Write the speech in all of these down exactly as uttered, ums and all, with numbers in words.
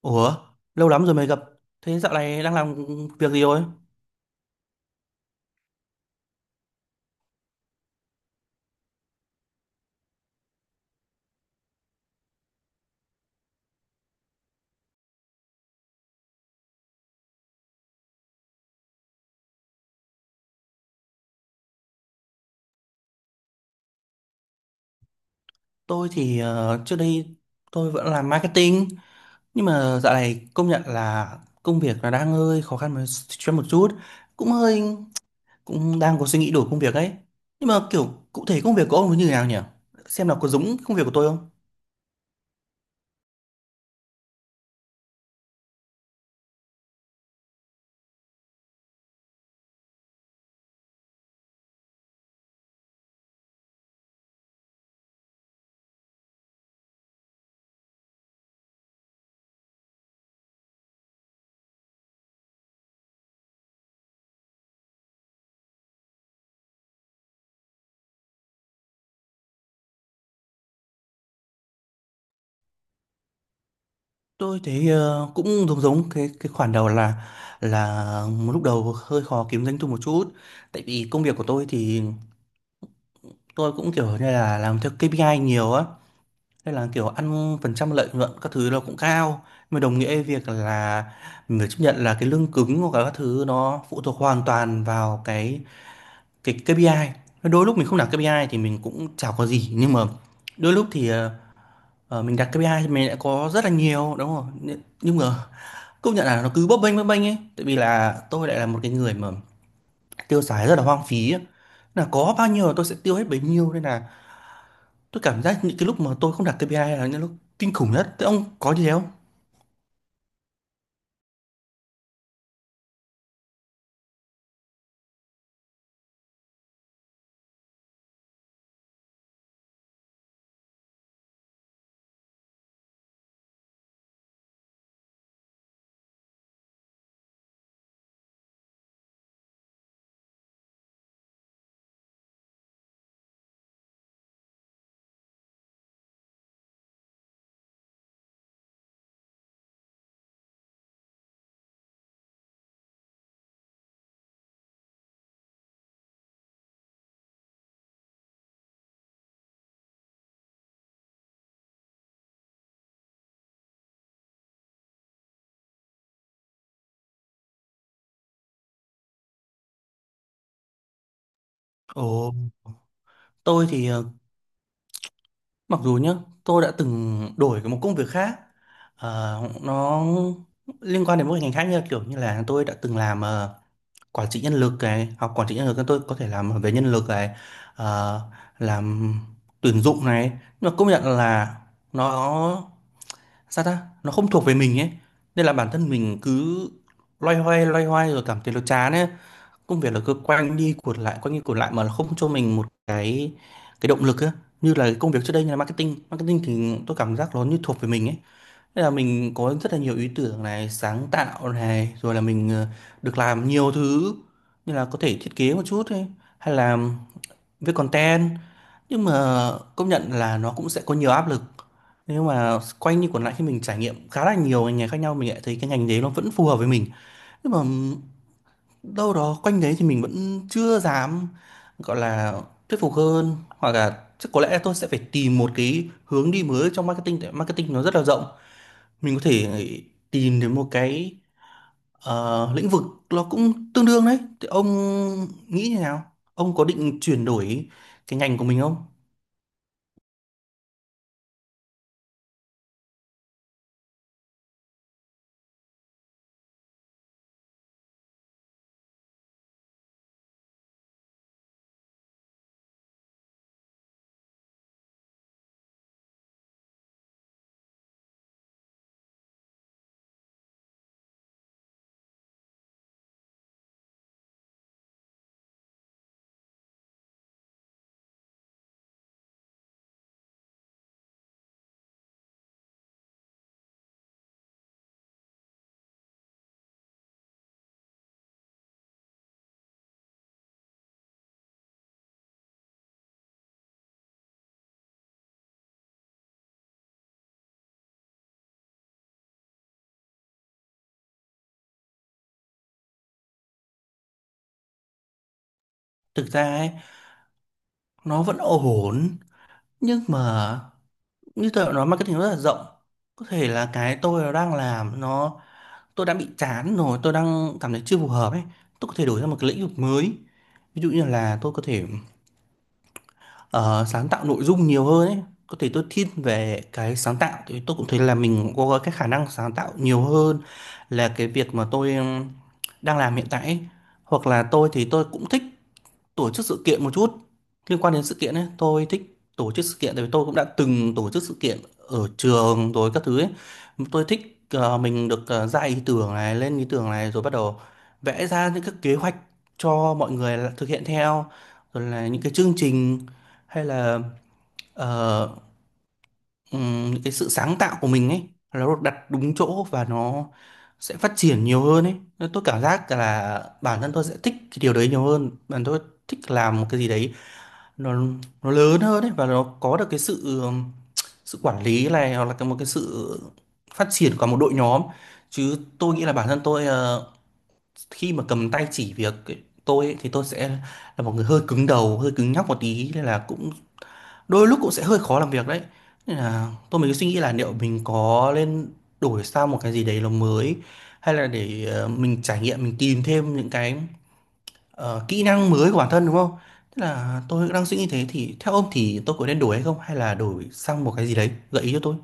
Ủa, lâu lắm rồi mới gặp. Thế dạo này đang làm việc gì rồi? Tôi thì ờ, trước đây tôi vẫn làm marketing, nhưng mà dạo này công nhận là công việc nó đang hơi khó khăn một cho một chút, cũng hơi cũng đang có suy nghĩ đổi công việc ấy. Nhưng mà kiểu cụ thể công việc của ông nó như thế nào nhỉ? Xem nào có giống công việc của tôi không? Tôi thấy ờ, cũng giống giống cái cái khoản đầu là là lúc đầu hơi khó kiếm doanh thu một chút, tại vì công việc của tôi thì tôi cũng kiểu như là làm theo kê pi ai nhiều á. Nên là kiểu ăn phần trăm lợi nhuận các thứ nó cũng cao, nhưng mà đồng nghĩa với việc là mình phải chấp nhận là cái lương cứng hoặc là các thứ nó phụ thuộc hoàn toàn vào cái cái kê pi ai. Đôi lúc mình không đặt kê pi ai thì mình cũng chả có gì, nhưng mà đôi lúc thì ờ, ờ, mình đặt ca pê i thì mình lại có rất là nhiều đúng không, nhưng nhưng mà công nhận là nó cứ bấp bênh bấp bênh ấy, tại vì là tôi lại là một cái người mà tiêu xài rất là hoang phí ấy. Là có bao nhiêu là tôi sẽ tiêu hết bấy nhiêu, nên là tôi cảm giác những cái lúc mà tôi không đặt ca pê i là những lúc kinh khủng nhất. Thế ông có như thế không? Ồ, tôi thì ờ, mặc dù nhá, tôi đã từng đổi một công việc khác, ờ, nó liên quan đến một ngành khác, như là kiểu như là tôi đã từng làm ờ, quản trị nhân lực này, học quản trị nhân lực nên tôi có thể làm về nhân lực này, ờ, làm tuyển dụng này, nhưng mà công nhận là nó sao ta, nó không thuộc về mình ấy, nên là bản thân mình cứ loay hoay loay hoay rồi cảm thấy nó chán ấy, công việc là cứ quanh đi quẩn lại quanh đi quẩn lại mà không cho mình một cái cái động lực á, như là cái công việc trước đây như là marketing marketing thì tôi cảm giác nó như thuộc về mình ấy, nên là mình có rất là nhiều ý tưởng này, sáng tạo này, rồi là mình ờ, được làm nhiều thứ, như là có thể thiết kế một chút ấy, hay là viết content. Nhưng mà công nhận là nó cũng sẽ có nhiều áp lực, nhưng mà quanh đi quẩn lại khi mình trải nghiệm khá là nhiều ngành nghề khác nhau, mình lại thấy cái ngành đấy nó vẫn phù hợp với mình. Nhưng mà đâu đó quanh đấy thì mình vẫn chưa dám, gọi là, thuyết phục hơn, hoặc là chắc có lẽ tôi sẽ phải tìm một cái hướng đi mới trong marketing, tại marketing nó rất là rộng, mình có thể ờ, tìm đến một cái, ờ, lĩnh vực nó cũng tương đương đấy. Thì ông nghĩ như nào, ông có định chuyển đổi cái ngành của mình không? Thực ra ấy, nó vẫn ổn, nhưng mà như tôi đã nói, marketing nó rất là rộng, có thể là cái tôi đang làm nó, tôi đã bị chán rồi, tôi đang cảm thấy chưa phù hợp ấy. Tôi có thể đổi ra một cái lĩnh vực mới, ví dụ như là tôi có thể ờ, sáng tạo nội dung nhiều hơn ấy. Có thể tôi thiên về cái sáng tạo, thì tôi cũng thấy là mình có cái khả năng sáng tạo nhiều hơn là cái việc mà tôi ừm, đang làm hiện tại ấy. Hoặc là tôi thì tôi cũng thích tổ chức sự kiện một chút, liên quan đến sự kiện ấy tôi thích. Tổ chức sự kiện, tại vì tôi cũng đã từng tổ chức sự kiện ở trường rồi các thứ ấy. Tôi thích ờ, mình được ờ, ra ý tưởng này, lên ý tưởng này, rồi bắt đầu vẽ ra những cái kế hoạch cho mọi người là- thực hiện theo, rồi là những cái chương trình, hay là ờ, ừm, những cái sự sáng tạo của mình ấy, nó được đặt đúng chỗ và nó sẽ phát triển nhiều hơn ấy. Nên tôi cảm giác là bản thân tôi sẽ thích cái điều đấy nhiều hơn. Bản thân tôi thích làm một cái gì đấy nó nó lớn hơn ấy, và nó có được cái sự ừm, sự quản lý này, hoặc là cái một cái sự phát triển của một đội nhóm, chứ tôi nghĩ là bản thân tôi ờ, khi mà cầm tay chỉ việc ấy, tôi ấy, thì tôi sẽ là một người hơi cứng đầu, hơi cứng nhắc một tí, nên là cũng đôi lúc cũng sẽ hơi khó làm việc đấy. Nên là tôi mới suy nghĩ là liệu mình có nên đổi sang một cái gì đấy nó mới, hay là để ờ, mình trải nghiệm, mình tìm thêm những cái ờ, kỹ năng mới của bản thân, đúng không? Tức là tôi đang suy nghĩ thế, thì theo ông thì tôi có nên đổi hay không, hay là đổi sang một cái gì đấy, gợi ý cho tôi.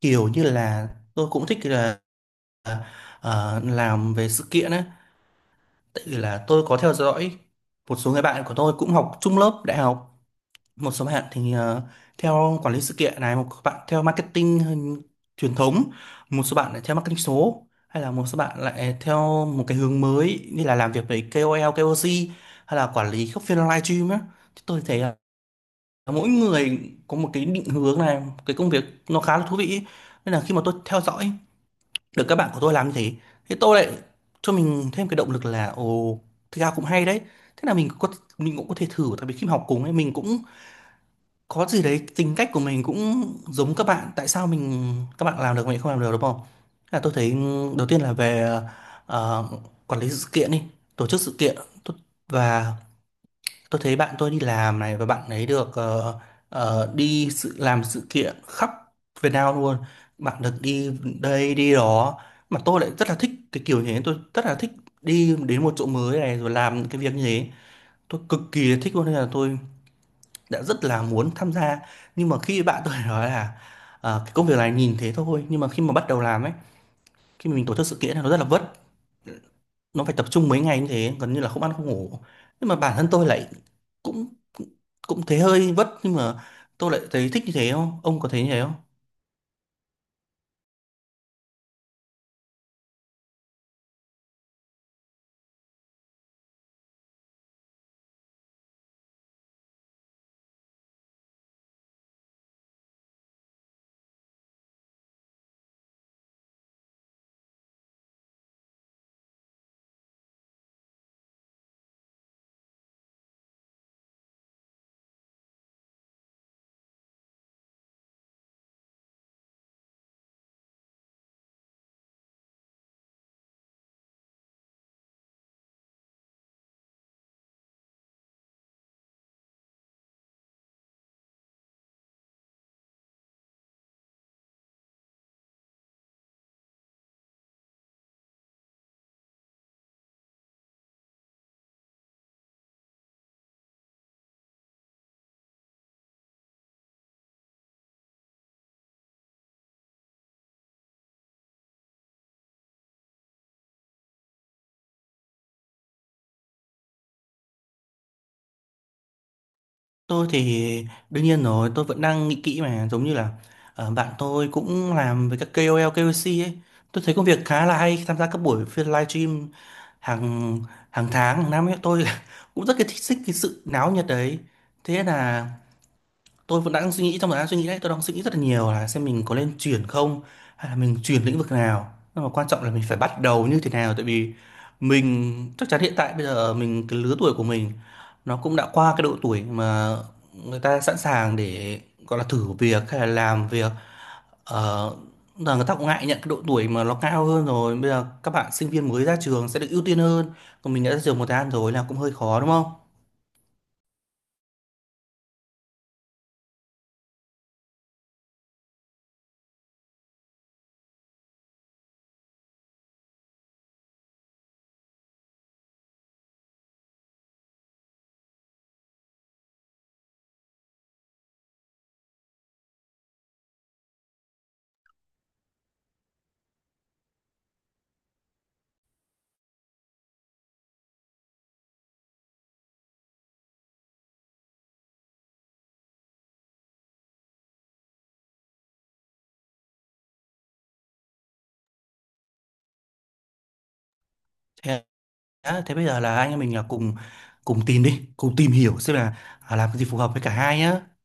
Kiểu như là tôi cũng thích là ờ, làm về sự kiện ấy, tại vì là tôi có theo dõi một số người bạn của tôi cũng học chung lớp đại học. Một số bạn thì ờ, theo quản lý sự kiện này, một bạn theo marketing hơn- truyền thống, một số bạn lại theo marketing số, hay là một số bạn lại theo một cái hướng mới như là làm việc với ca ô lờ, ca ô xê, hay là quản lý các phiên live stream á. Thì tôi thấy là mỗi người có một cái định hướng này, một cái công việc nó khá là thú vị ý. Nên là khi mà tôi theo dõi được các bạn của tôi làm như thế, thì tôi lại cho mình thêm cái động lực là ồ, thực ra cũng hay đấy. Thế là mình có mình cũng có thể thử, tại vì khi mà học cùng ấy mình cũng có gì đấy tính cách của mình cũng giống các bạn, tại sao mình các bạn làm được mình không làm được, đúng không? Là tôi thấy ừ, đầu tiên là về ờ, quản lý sự kiện đi, tổ chức sự kiện. Tôi- và tôi thấy bạn tôi đi làm này, và bạn ấy được ờ, ờ, đi sự làm sự kiện khắp Việt Nam luôn, bạn được đi đây đi đó, mà tôi lại rất là thích cái kiểu như thế. Tôi rất là thích đi đến một chỗ mới này rồi làm những cái việc như thế, tôi cực kỳ thích luôn, nên là tôi đã rất là muốn tham gia. Nhưng mà khi bạn tôi nói là ờ, cái công việc này nhìn thế thôi, nhưng mà khi mà bắt đầu làm ấy, khi mà mình tổ chức sự kiện là nó rất là vất, nó phải tập trung mấy ngày như thế, gần như là không ăn không ngủ. Nhưng mà bản thân tôi lại cũng cũng thấy hơi vất, nhưng mà tôi lại thấy thích như thế. Không, ông có thấy như thế không? Tôi thì đương nhiên rồi, tôi vẫn đang nghĩ kỹ mà, giống như là ờ, bạn tôi cũng làm với các ca ô lờ, ca ô xê ấy, tôi thấy công việc khá là hay, tham gia các buổi phiên livestream hàng hàng tháng hàng năm ấy. Tôi cũng rất cái thích thích cái sự náo nhiệt đấy. Thế là tôi vẫn đang suy nghĩ, trong thời gian suy nghĩ đấy tôi đang suy nghĩ rất là nhiều là xem mình có nên chuyển không, hay là mình chuyển lĩnh vực nào, nhưng mà quan trọng là mình phải bắt đầu như thế nào. Tại vì mình chắc chắn hiện tại bây giờ mình, cái lứa tuổi của mình nó cũng đã qua cái độ tuổi mà người ta sẵn sàng để, gọi là, thử việc hay là làm việc, ờ, là người ta cũng ngại nhận cái độ tuổi mà nó cao hơn rồi, bây giờ các bạn sinh viên mới ra trường sẽ được ưu tiên hơn, còn mình đã ra trường một thời gian rồi là cũng hơi khó, đúng không? Đã, thế bây giờ là anh em mình là cùng cùng tìm đi, cùng tìm hiểu xem là à, làm cái gì phù hợp với cả hai nhá.